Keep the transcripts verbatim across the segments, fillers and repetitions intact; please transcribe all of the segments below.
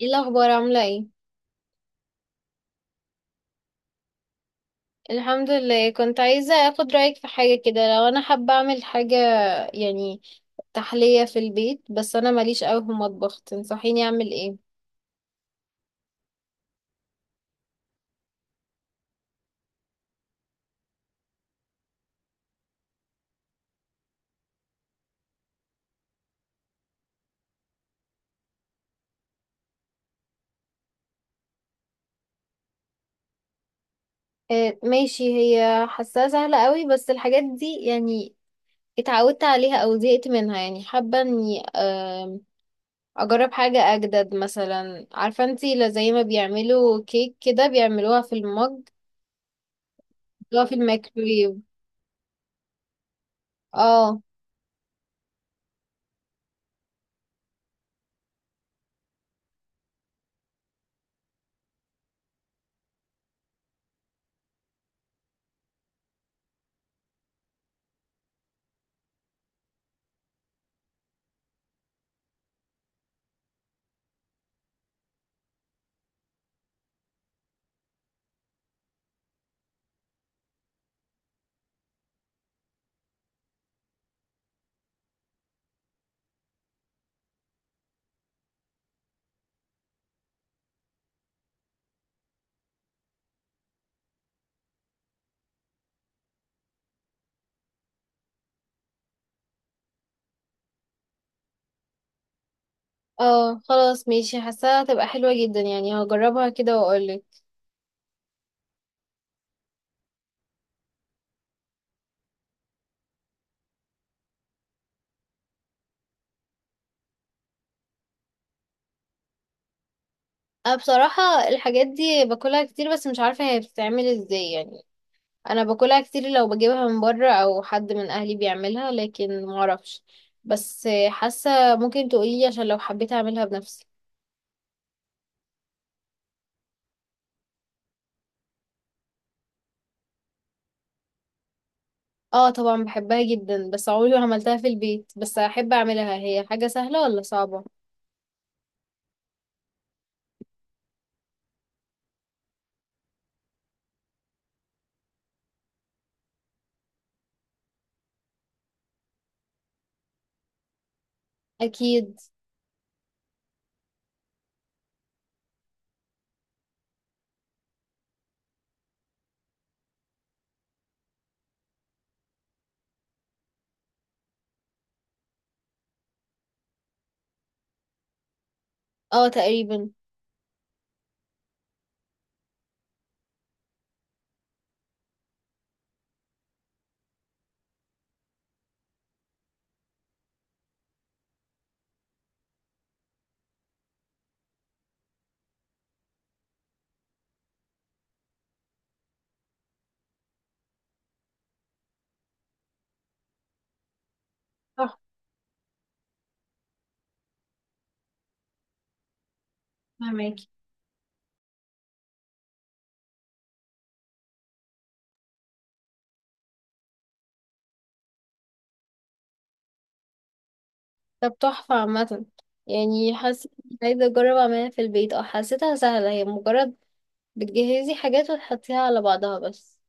ايه الاخبار؟ عامله ايه؟ الحمد لله. كنت عايزه اخد رايك في حاجه كده، لو انا حابه اعمل حاجه يعني تحليه في البيت، بس انا ماليش قوي في المطبخ، تنصحيني اعمل ايه؟ آه ماشي، هي حاساها سهله قوي، بس الحاجات دي يعني اتعودت عليها او زهقت منها، يعني حابه اني آم، اجرب حاجه اجدد. مثلا عارفه انتي، لا، زي ما بيعملوا كيك كده بيعملوها في المج، بيعملوها في الميكرويف. اه اه، خلاص ماشي، حاساها هتبقى حلوة جدا، يعني هجربها كده واقولك. انا بصراحة الحاجات دي باكلها كتير، بس مش عارفة هي بتتعمل ازاي يعني. انا باكلها كتير لو بجيبها من بره او حد من اهلي بيعملها، لكن معرفش. بس حاسة ممكن تقولي، عشان لو حبيت اعملها بنفسي. اه طبعا بحبها جدا، بس عمري ما عملتها في البيت، بس احب اعملها. هي حاجة سهلة ولا صعبة؟ اكيد. اه تقريبا. صح، فهمك. طب تحفة عامة. يعني حاسة إني عايزة أجرب أعملها في البيت، اه حسيتها سهلة، هي مجرد بتجهزي حاجات وتحطيها على بعضها بس.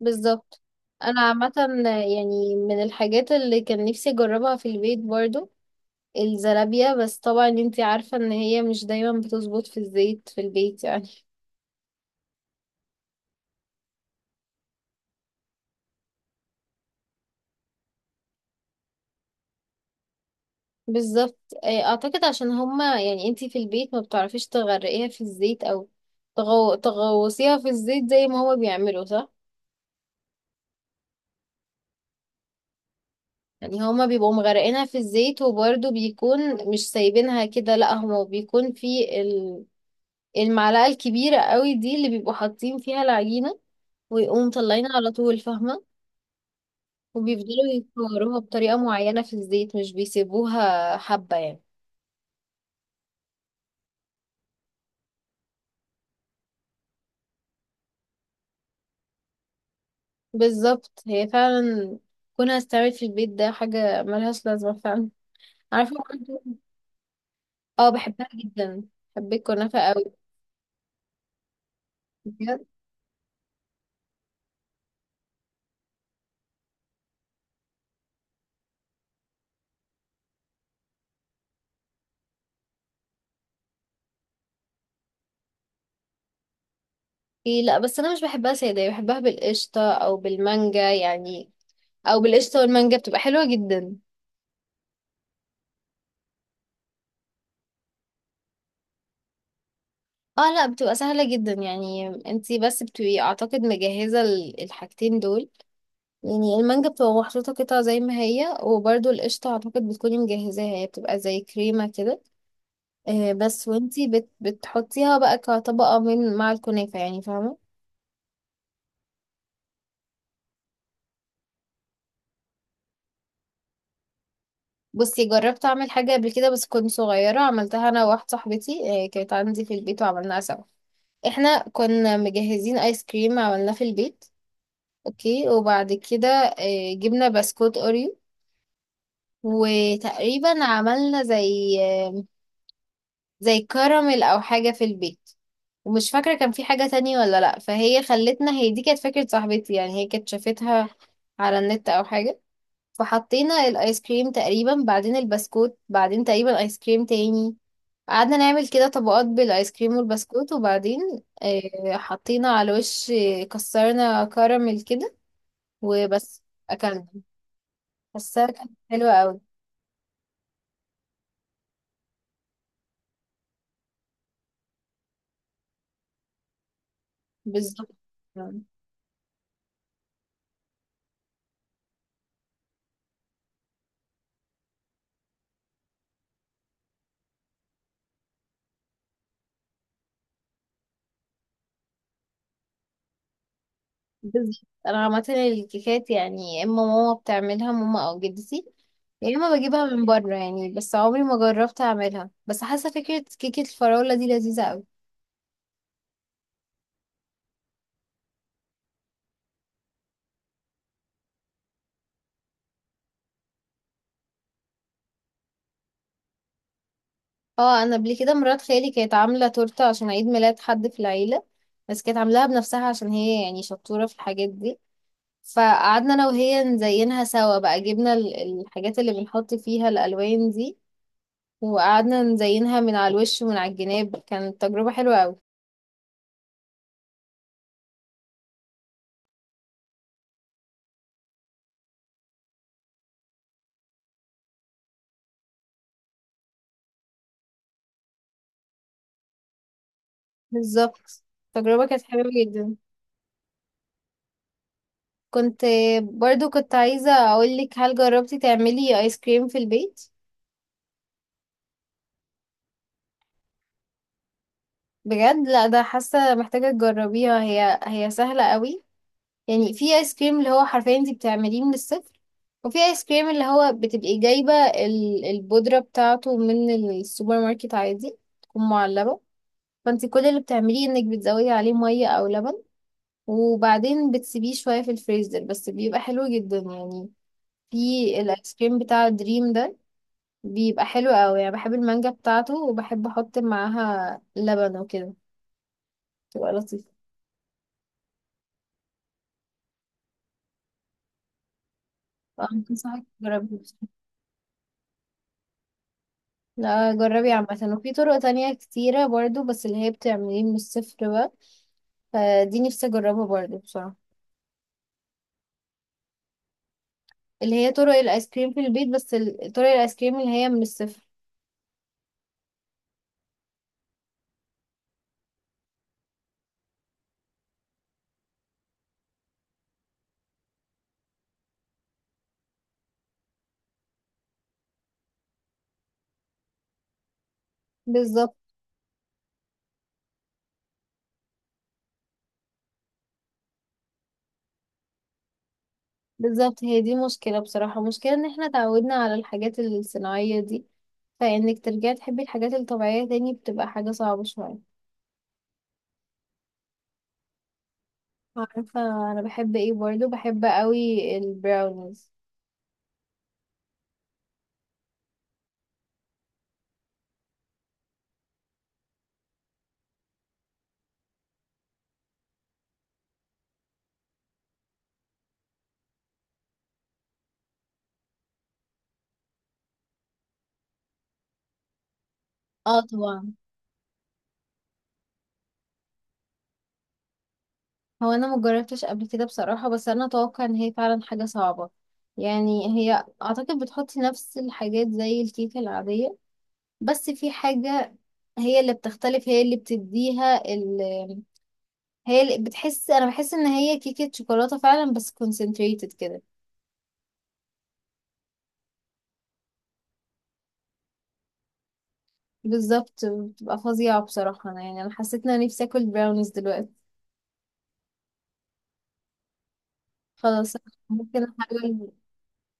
بالظبط. أنا عامة يعني من الحاجات اللي كان نفسي أجربها في البيت برضو الزلابية، بس طبعا انتي عارفة إن هي مش دايما بتظبط في الزيت في البيت يعني. بالظبط. آه، أعتقد عشان هما، يعني انتي في البيت ما بتعرفيش تغرقيها في الزيت، أو تغو... تغوصيها في الزيت زي ما هما بيعملوا، صح؟ يعني هما بيبقوا مغرقينها في الزيت، وبرده بيكون مش سايبينها كده، لا، هما بيكون في ال- المعلقة الكبيرة قوي دي اللي بيبقوا حاطين فيها العجينة، ويقوموا مطلعينها على طول، فاهمة؟ وبيفضلوا يكوروها بطريقة معينة في الزيت، مش بيسيبوها حبة يعني. بالظبط، هي فعلا كونها استعمل في البيت ده حاجة ملهاش لازمة فعلا. عارفة برضه. اه بحبها جدا. بحب الكنافة قوي. بجد؟ ايه لا، بس انا مش بحبها ساده، بحبها بالقشطه او بالمانجا يعني، او بالقشطه والمانجا بتبقى حلوه جدا. اه لا، بتبقى سهله جدا، يعني انتي بس بتبقي اعتقد مجهزه ال- الحاجتين دول. يعني المانجا بتبقى محطوطه قطع زي ما هي، وبرده القشطه اعتقد بتكوني مجهزاها، هي بتبقى زي كريمه كده. آه بس وانتي بت بتحطيها بقى كطبقه من مع الكنافه، يعني فاهمه؟ بصي، جربت اعمل حاجه قبل كده بس كنت صغيره، عملتها انا وواحده صاحبتي، آه كانت عندي في البيت وعملناها سوا. احنا كنا مجهزين ايس كريم عملناه في البيت. اوكي، وبعد كده آه، جبنا بسكوت اوريو، وتقريبا عملنا زي آه، زي كراميل او حاجة في البيت. ومش فاكرة كان في حاجة تانية ولا لا. فهي خلتنا، هي دي كانت فكرة صاحبتي يعني، هي كانت شافتها على النت او حاجة. فحطينا الايس كريم تقريبا، بعدين البسكوت، بعدين تقريبا ايس كريم تاني. قعدنا نعمل كده طبقات بالايس كريم والبسكوت، وبعدين آه، حطينا على وش، آه، كسرنا كراميل كده وبس. اكلنا، حاساها كانت حلوة أوي. بالظبط، بالظبط، أنا عامة الكيكات يعني يا إما ماما بتعملها، ماما أو جدتي، يا إما بجيبها من بره يعني، بس عمري ما جربت أعملها، بس حاسة فكرة كيكة الفراولة دي لذيذة أوي. اه أنا قبل كده مرات خالي كانت عاملة تورتة عشان عيد ميلاد حد في العيلة، بس كانت عاملاها بنفسها عشان هي يعني شطورة في الحاجات دي. فقعدنا أنا وهي نزينها سوا بقى، جبنا ال- الحاجات اللي بنحط فيها الألوان دي، وقعدنا نزينها من على الوش ومن على الجناب. كانت تجربة حلوة أوي. بالظبط، التجربة كانت حلوة جدا. كنت برضو كنت عايزة أقولك، هل جربتي تعملي آيس كريم في البيت؟ بجد؟ لا ده حاسة محتاجة تجربيها، هي هي سهلة أوي. يعني في آيس كريم اللي هو حرفيا انتي بتعمليه من الصفر، وفي آيس كريم اللي هو بتبقي جايبة ال- البودرة بتاعته من السوبر ماركت عادي، تكون معلبة، فانتي كل اللي بتعمليه انك بتزودي عليه مية أو لبن، وبعدين بتسيبيه شوية في الفريزر، بس بيبقى حلو جدا يعني. في الايس كريم بتاع دريم ده بيبقى حلو قوي يعني، بحب المانجا بتاعته، وبحب احط معاها لبن وكده، تبقى لطيفة. اه انصحك تجربي. لا جربي عامة، وفي طرق تانية كتيرة برضو، بس اللي هي بتعمليه من الصفر بقى، فدي نفسي اجربها برضو بصراحة. اللي هي طرق الايس كريم في البيت، بس ال- طرق الايس كريم اللي هي من الصفر. بالظبط، بالظبط، هي دي مشكلة بصراحة، مشكلة ان احنا تعودنا على الحاجات الصناعية دي، فانك ترجعي تحبي الحاجات الطبيعية تاني بتبقى حاجة صعبة شوية. عارفة، انا بحب ايه برضو، بحب قوي البراونيز. اه طبعا. هو انا مجربتش قبل كده بصراحة، بس انا اتوقع ان هي فعلا حاجة صعبة. يعني هي اعتقد بتحطي نفس الحاجات زي الكيكة العادية، بس في حاجة هي اللي بتختلف، هي اللي بتديها، هي اللي بتحس، انا بحس ان هي كيكة شوكولاتة فعلا بس concentrated كده. بالظبط، بتبقى فظيعة بصراحة. انا يعني انا حسيت ان انا نفسي اكل براونيز دلوقتي. خلاص، أنا ممكن احاول.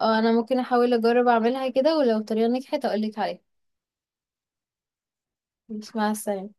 اه، انا ممكن احاول اجرب اعملها كده، ولو الطريقة نجحت اقولك عليها. مع السلامة.